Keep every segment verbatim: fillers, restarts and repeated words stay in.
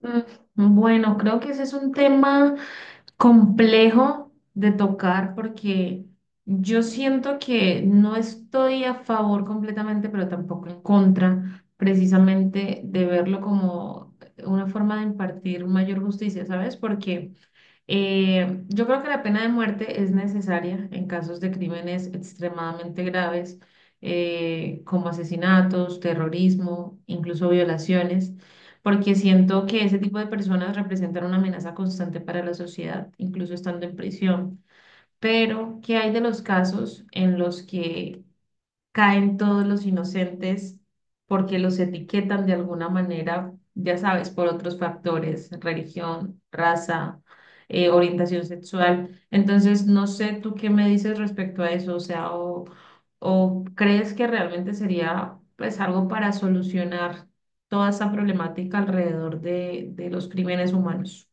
Mm, Bueno, creo que ese es un tema complejo de tocar porque yo siento que no estoy a favor completamente, pero tampoco en contra, precisamente de verlo como una forma de impartir mayor justicia, ¿sabes? Porque eh, yo creo que la pena de muerte es necesaria en casos de crímenes extremadamente graves, eh, como asesinatos, terrorismo, incluso violaciones, porque siento que ese tipo de personas representan una amenaza constante para la sociedad, incluso estando en prisión. Pero ¿qué hay de los casos en los que caen todos los inocentes porque los etiquetan de alguna manera, ya sabes, por otros factores, religión, raza, eh, orientación sexual? Entonces, no sé tú qué me dices respecto a eso, o sea, o, o crees que realmente sería pues algo para solucionar toda esa problemática alrededor de, de los crímenes humanos.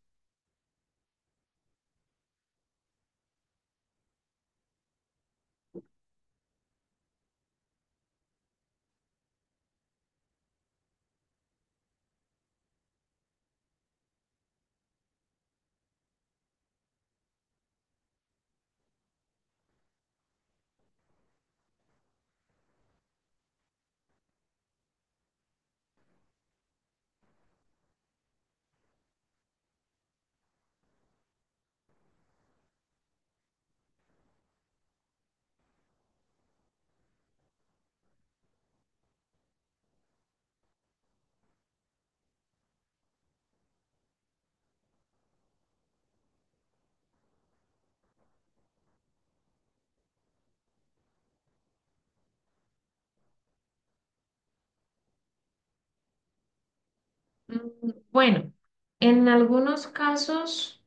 Mm, Bueno, en algunos casos...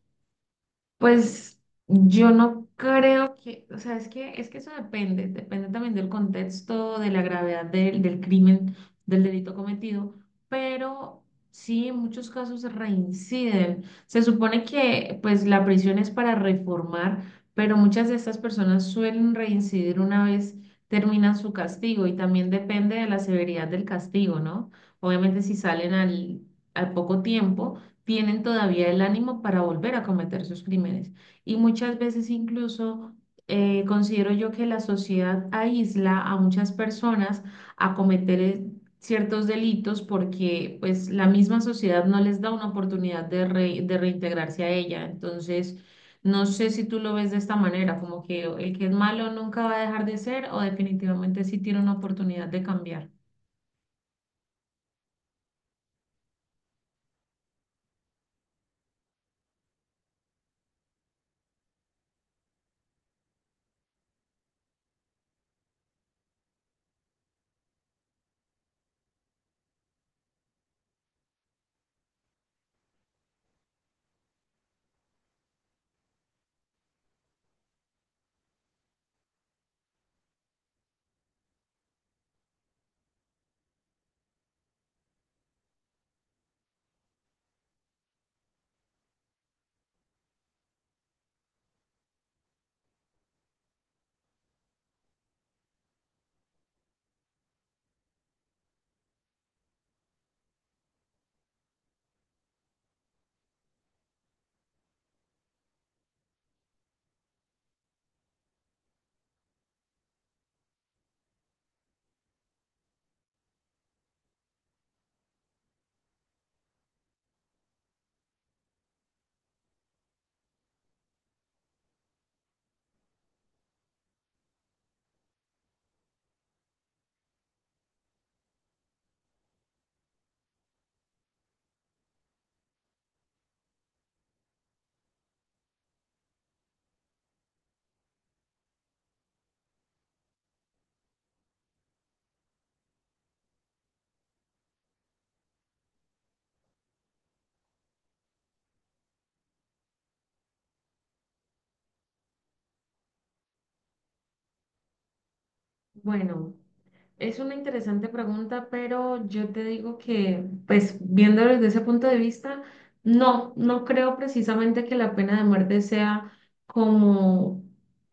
Pues yo no creo que, o sea, es que, es que eso depende, depende también del contexto, de la gravedad del, del crimen, del delito cometido, pero sí, en muchos casos reinciden. Se supone que pues la prisión es para reformar, pero muchas de estas personas suelen reincidir una vez terminan su castigo y también depende de la severidad del castigo, ¿no? Obviamente si salen al, al poco tiempo tienen todavía el ánimo para volver a cometer sus crímenes. Y muchas veces incluso eh, considero yo que la sociedad aísla a muchas personas a cometer eh, ciertos delitos porque pues la misma sociedad no les da una oportunidad de, re- de reintegrarse a ella. Entonces, no sé si tú lo ves de esta manera, como que el que es malo nunca va a dejar de ser o definitivamente sí tiene una oportunidad de cambiar. Bueno. Es una interesante pregunta, pero yo te digo que, pues, viéndolo desde ese punto de vista, no, no creo precisamente que la pena de muerte sea como,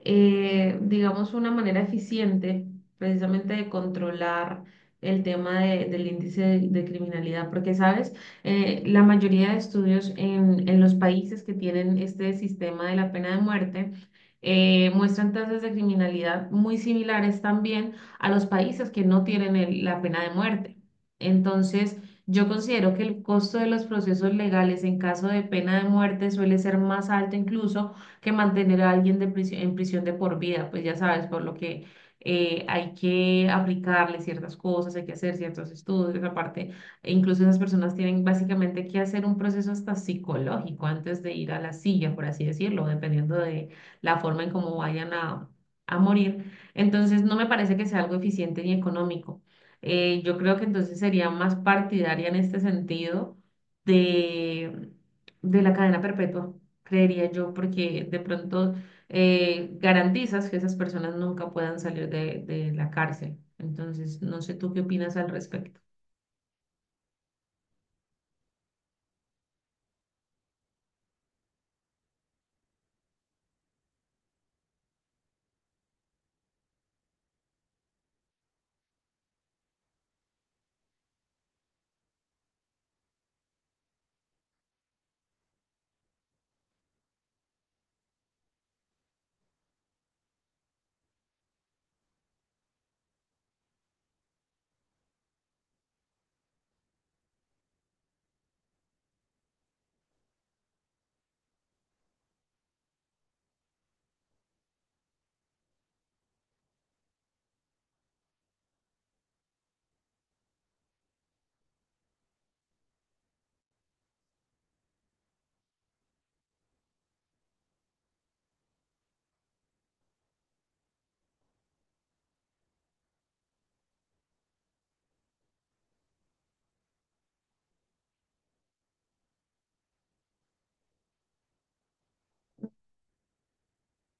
eh, digamos, una manera eficiente precisamente de controlar el tema de- del índice de, de criminalidad, porque, ¿sabes? Eh, la mayoría de estudios en, en los países que tienen este sistema de la pena de muerte eh, muestran tasas de criminalidad muy similares también a los países que no tienen el- la pena de muerte. Entonces, yo considero que el costo de los procesos legales en caso de pena de muerte suele ser más alto incluso que mantener a alguien de prisi- en prisión de por vida, pues ya sabes, por lo que eh, hay que aplicarle ciertas cosas, hay que hacer ciertos estudios, aparte, e incluso esas personas tienen básicamente que hacer un proceso hasta psicológico antes de ir a la silla, por así decirlo, dependiendo de la forma en cómo vayan a, a morir. Entonces, no me parece que sea algo eficiente ni económico. Eh, yo creo que entonces sería más partidaria en este sentido de, de la cadena perpetua, creería yo, porque de pronto eh, garantizas que esas personas nunca puedan salir de, de la cárcel. Entonces, no sé tú qué opinas al respecto.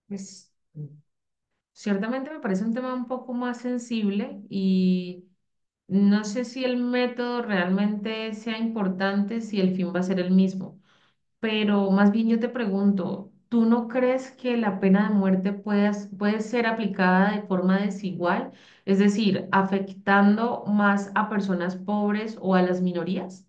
Pues, ciertamente me parece un tema un poco más sensible y no sé si el método realmente sea importante, si el fin va a ser el mismo. Pero más bien yo te pregunto, ¿tú no crees que la pena de muerte puedas- puede ser aplicada de forma desigual? Es decir, ¿afectando más a personas pobres o a las minorías?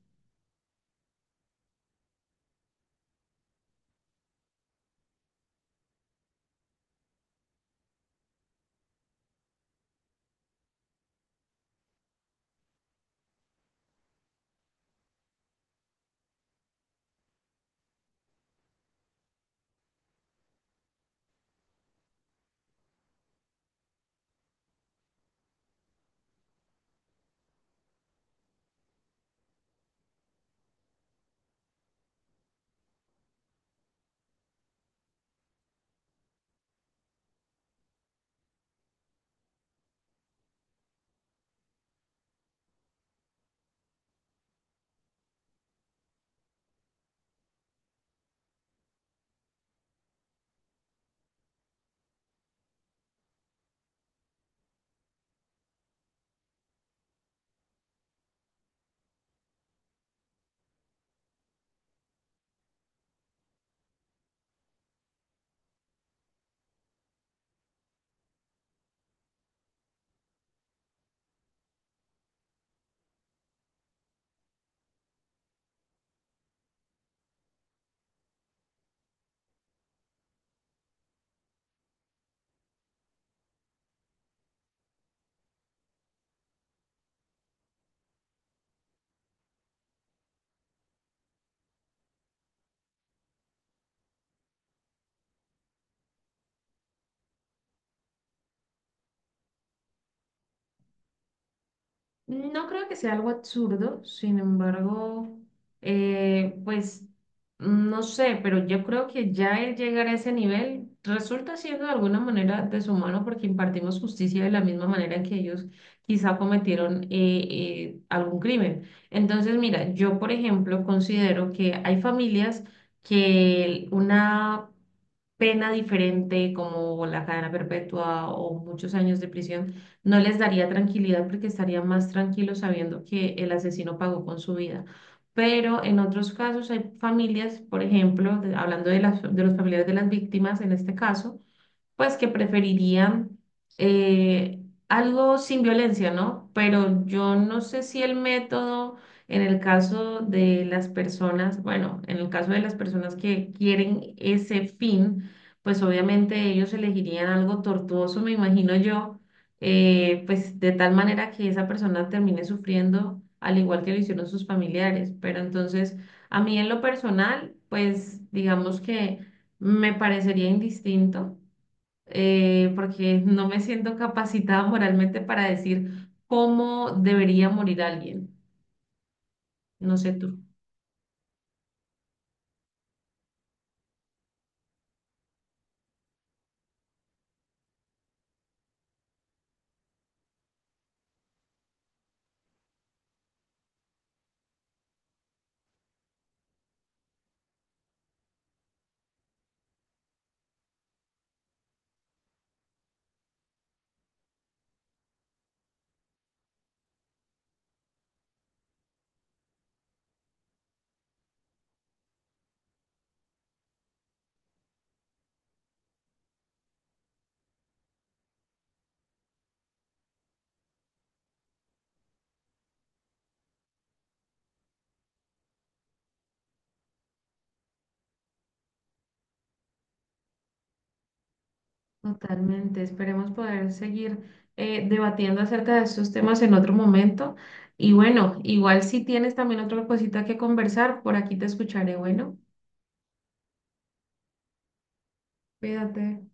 No creo que sea algo absurdo, sin embargo, eh, pues no sé, pero yo creo que ya el llegar a ese nivel resulta siendo de alguna manera deshumano porque impartimos justicia de la misma manera en que ellos quizá cometieron eh, eh, algún crimen. Entonces, mira, yo por ejemplo considero que hay familias que una pena diferente como la cadena perpetua o muchos años de prisión, no les daría tranquilidad porque estarían más tranquilos sabiendo que el asesino pagó con su vida. Pero en otros casos hay familias, por ejemplo, de- hablando de las, de los familiares de las víctimas en este caso, pues que preferirían eh, algo sin violencia, ¿no? Pero yo no sé si el método en el caso de las personas, bueno, en el caso de las personas que quieren ese fin, pues obviamente ellos elegirían algo tortuoso, me imagino yo, eh, pues de tal manera que esa persona termine sufriendo al igual que lo hicieron sus familiares. Pero entonces, a mí en lo personal, pues digamos que me parecería indistinto eh, porque no me siento capacitada moralmente para decir cómo debería morir alguien. No sé tú. Totalmente. Esperemos poder seguir eh, debatiendo acerca de estos temas en otro momento. Y bueno, igual si tienes también otra cosita que conversar, por aquí te escucharé. Bueno, cuídate.